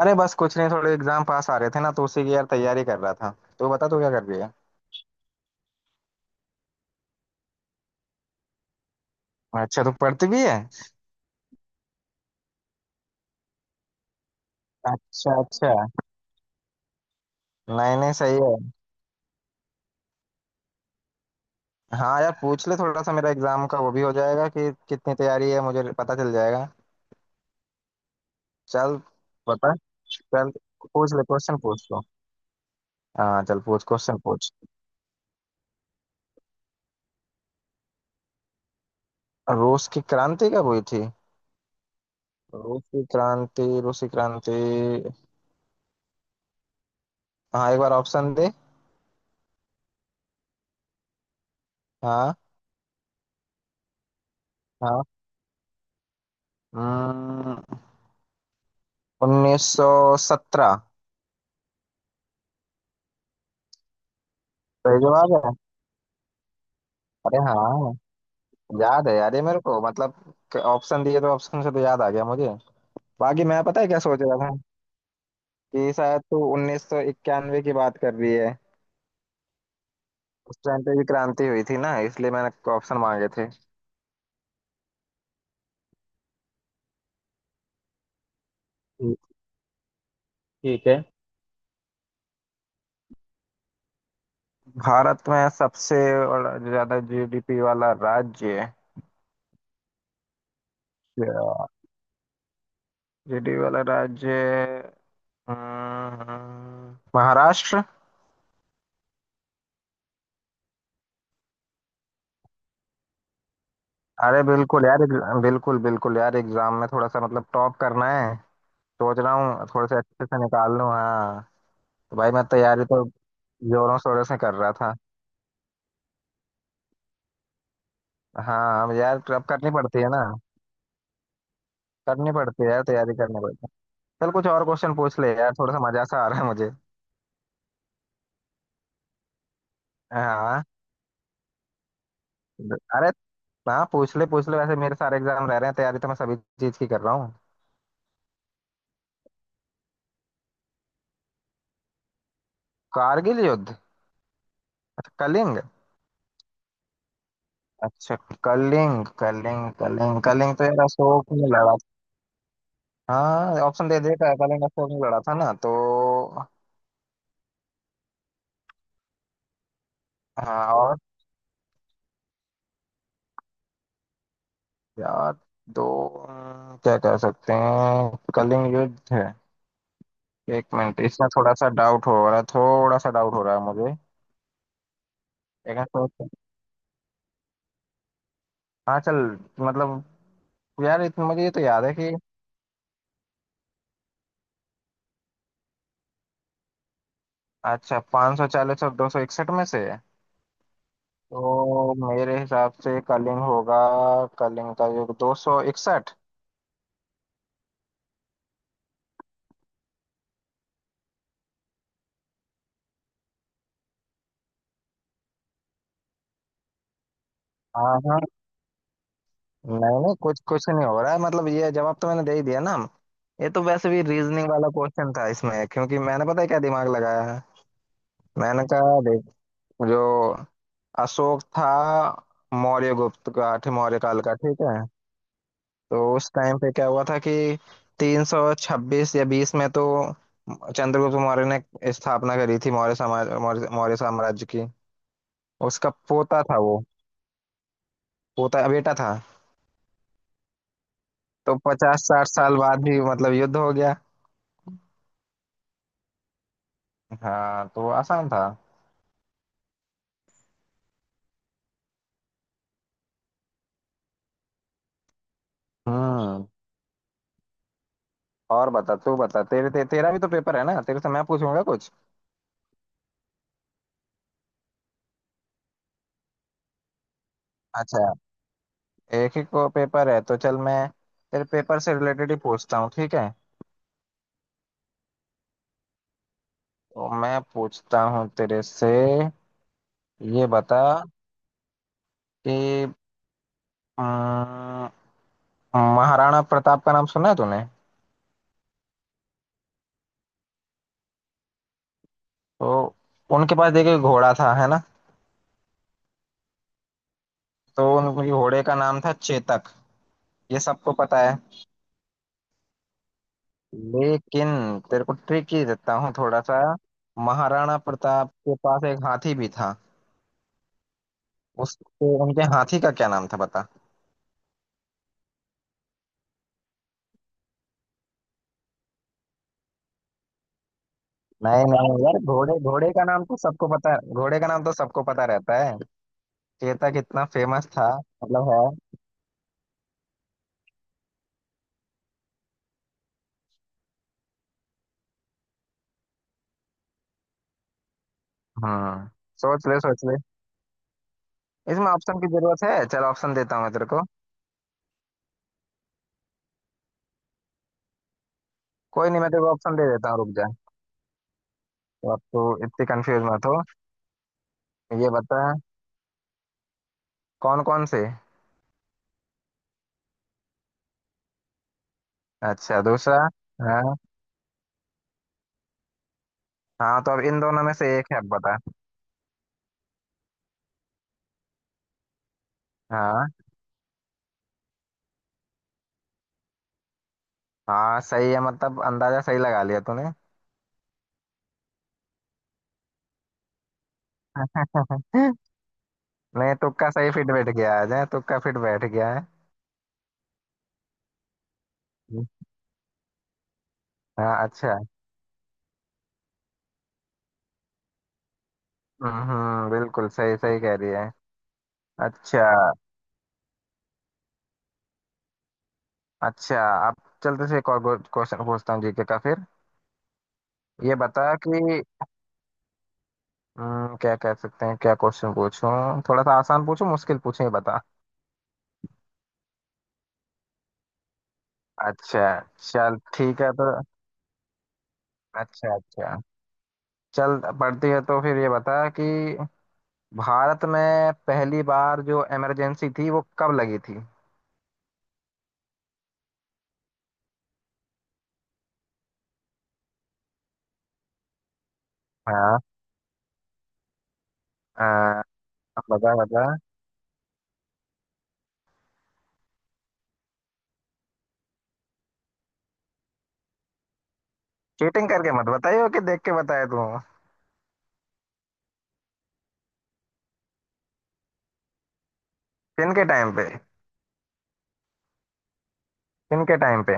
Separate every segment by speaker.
Speaker 1: अरे बस कुछ नहीं, थोड़े एग्जाम पास आ रहे थे ना, तो उसी की यार तैयारी कर रहा था। तो बता, तू क्या कर रही है? अच्छा, तू पढ़ती भी है? अच्छा अच्छा। नहीं नहीं, सही है। हाँ यार, पूछ ले, थोड़ा सा मेरा एग्जाम का वो भी हो जाएगा कि कितनी तैयारी है मुझे पता चल जाएगा। चल बता। चल पूछ ले, क्वेश्चन पूछ लो। हाँ चल, पूछ क्वेश्चन पूछ। रूस की क्रांति कब हुई थी? रूस की क्रांति। हाँ, एक बार ऑप्शन दे। हाँ हाँ। हम्म, उन्नीस सौ सत्रह। सही जवाब है। अरे हाँ, याद है यार ये मेरे को, मतलब ऑप्शन दिए तो ऑप्शन से तो याद आ गया मुझे। बाकी मैं पता है क्या सोच रहा था? कि शायद तू उन्नीस सौ इक्यानवे की बात कर रही है। उस टाइम पे भी क्रांति हुई थी ना, इसलिए मैंने ऑप्शन मांगे थे। ठीक। ठीक है। भारत में सबसे ज्यादा जीडीपी वाला राज्य। जीडीपी वाला राज्य। महाराष्ट्र। अरे बिल्कुल यार, बिल्कुल बिल्कुल यार, एग्जाम में थोड़ा सा मतलब टॉप करना है। सोच रहा हूँ थोड़े से अच्छे से निकाल लूँ, हाँ। तो भाई मैं तैयारी तो जोरों शोरों से कर रहा था। हाँ, अब यार अब करनी पड़ती है ना। करनी पड़ती है यार, तैयारी करनी पड़ती है। चल कुछ और क्वेश्चन पूछ ले यार, थोड़ा सा मजा सा आ रहा है मुझे। हाँ। अरे हाँ, पूछ ले पूछ ले, वैसे मेरे सारे एग्जाम रह रहे हैं, तैयारी तो मैं सभी चीज की कर रहा हूँ। कारगिल युद्ध? अच्छा, कलिंग। अच्छा। कलिंग कलिंग तो यार अशोक ने लड़ा था। हाँ, ऑप्शन दे दे, कलिंग अशोक ने लड़ा था ना, तो। हाँ, और? यार दो, क्या कह सकते हैं, कलिंग युद्ध है। एक मिनट, इसमें थोड़ा सा डाउट हो रहा है, थोड़ा सा डाउट हो रहा है मुझे। एक मिनट हाँ चल। मतलब यार इतना मुझे ये तो याद है कि, अच्छा, पाँच सौ चालीस और दो सौ इकसठ में से है। तो मेरे हिसाब से कलिंग होगा। कलिंग का युग दो सौ इकसठ। हाँ हाँ। नहीं नहीं, कुछ कुछ नहीं हो रहा है, मतलब ये जवाब तो मैंने दे ही दिया ना। ये तो वैसे भी रीजनिंग वाला क्वेश्चन था इसमें, क्योंकि मैंने पता है क्या दिमाग लगाया है। मैंने कहा जो अशोक था, मौर्य मौर्य काल का, ठीक है। तो उस टाइम पे क्या हुआ था कि 326 या 20 में तो चंद्रगुप्त मौर्य ने स्थापना करी थी, मौर्य समाज मौर्य मौर्य साम्राज्य की। उसका पोता था वो, पोता बेटा था। तो पचास साठ साल बाद ही मतलब युद्ध हो गया। हाँ, तो आसान था। हम्म। और बता तू, बता तेरा भी तो पेपर है ना, तेरे से मैं पूछूंगा कुछ। अच्छा, एक ही को पेपर है, तो चल मैं तेरे पेपर से रिलेटेड ही पूछता हूँ, ठीक है? तो मैं पूछता हूँ तेरे से, ये बता कि अम, महाराणा प्रताप का नाम सुना है तूने? तो उनके पास देखिए घोड़ा था, है ना। तो उनके घोड़े का नाम था चेतक। ये सबको पता है। लेकिन तेरे को ट्रिक ही देता हूँ थोड़ा सा। महाराणा प्रताप के पास एक हाथी भी था। उसके उनके हाथी का क्या नाम था बता। नहीं नहीं यार, घोड़े घोड़े का नाम तो सबको पता है, घोड़े का नाम तो सबको पता रहता है। चेता कितना फेमस था, मतलब है। हाँ सोच ले, सोच ले। इसमें ऑप्शन की जरूरत है, चल ऑप्शन देता हूँ मैं तेरे को। कोई नहीं, मैं तेरे को ऑप्शन दे देता हूँ, रुक जा। तो अब तू इतनी कंफ्यूज मत हो। ये बता, कौन कौन से? अच्छा, दूसरा? हाँ हाँ, तो अब इन दोनों में से एक है, अब बता। हाँ हाँ, सही है, मतलब अंदाजा सही लगा लिया तूने। नहीं, तुक्का सही फिट बैठ गया आज, है तुक्का फिट बैठ गया है। हाँ अच्छा, हम्म, बिल्कुल सही सही कह रही है। अच्छा अच्छा। अब चलते से एक और क्वेश्चन पूछता हूँ, जीके का फिर। ये बता कि, क्या कह सकते हैं, क्या क्वेश्चन पूछूं? थोड़ा सा आसान पूछूं, मुश्किल पूछूं, ये बता। अच्छा। चल ठीक है, तो अच्छा अच्छा, चल पढ़ती है तो फिर ये बता कि भारत में पहली बार जो इमरजेंसी थी वो कब लगी थी? हाँ। आ, बता बता। चीटिंग करके मत बताइयो कि देख के बताया तू। किन के टाइम पे? किन के टाइम पे?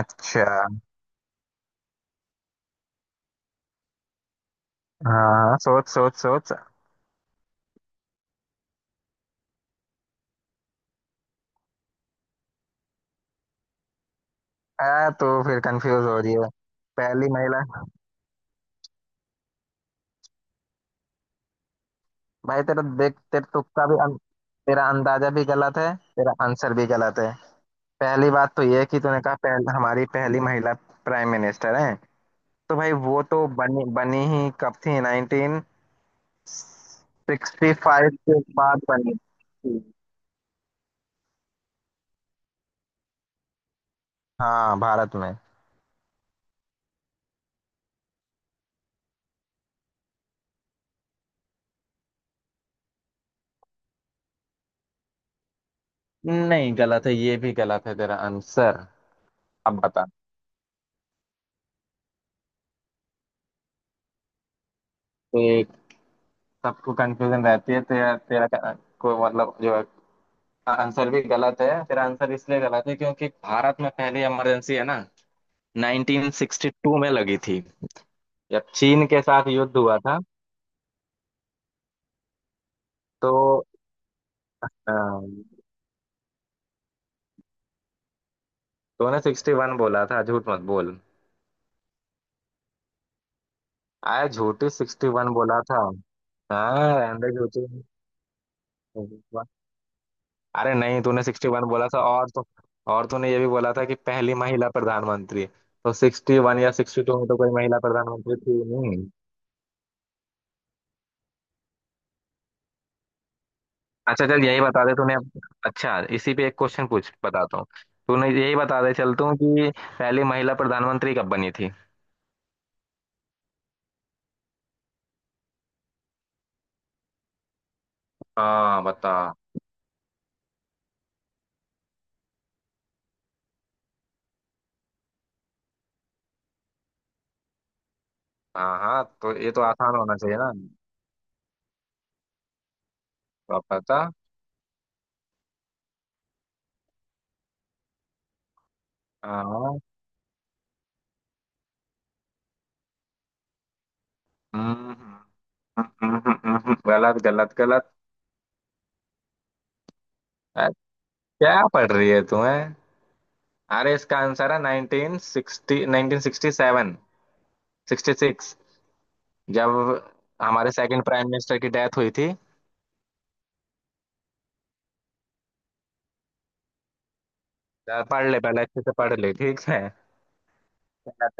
Speaker 1: अच्छा। हाँ सोच सोच सोच। आ, तो फिर कंफ्यूज हो रही है? पहली महिला? भाई तेरा देख, तेरे तुक्का भी तेरा अंदाजा भी गलत है, तेरा आंसर भी गलत है। पहली बात तो ये कि तूने कहा हमारी पहली महिला प्राइम मिनिस्टर है, तो भाई वो तो बनी, बनी ही कब थी? नाइनटीन सिक्सटी फाइव के बाद बनी थी। हाँ, भारत में। नहीं, गलत है, ये भी गलत है तेरा आंसर। अब बता। एक, सबको कंफ्यूजन रहती है। तेरा तेरा का- को मतलब जो है, आंसर भी गलत है तेरा, आंसर इसलिए गलत है क्योंकि भारत में पहली इमरजेंसी है ना, 1962 में लगी थी, जब चीन के साथ युद्ध हुआ था। तो अ, तूने 61 बोला था, झूठ मत बोल। आया, झूठी, 61 बोला था। हाँ, रहने दे, झूठी। अरे नहीं, तूने 61 बोला था, और तो और तूने ये भी बोला था कि पहली महिला प्रधानमंत्री, तो 61 या 62 में तो कोई महिला प्रधानमंत्री थी नहीं। अच्छा, चल यही बता दे अच्छा, इसी पे एक क्वेश्चन पूछ बताता हूँ। तूने यही बता दे, चलता हूँ कि पहली महिला प्रधानमंत्री कब बनी थी? हाँ बता। हाँ हाँ, तो ये तो आसान होना चाहिए ना। तो आप बता। हाँ। हम्म, गलत गलत गलत। अ, क्या पढ़ रही है तुम्हें? अरे इसका आंसर है nineteen sixty, nineteen sixty seven sixty six, जब हमारे सेकंड प्राइम मिनिस्टर की डेथ हुई थी। पढ़ ले पहले अच्छे से, पढ़ ले, ठीक है।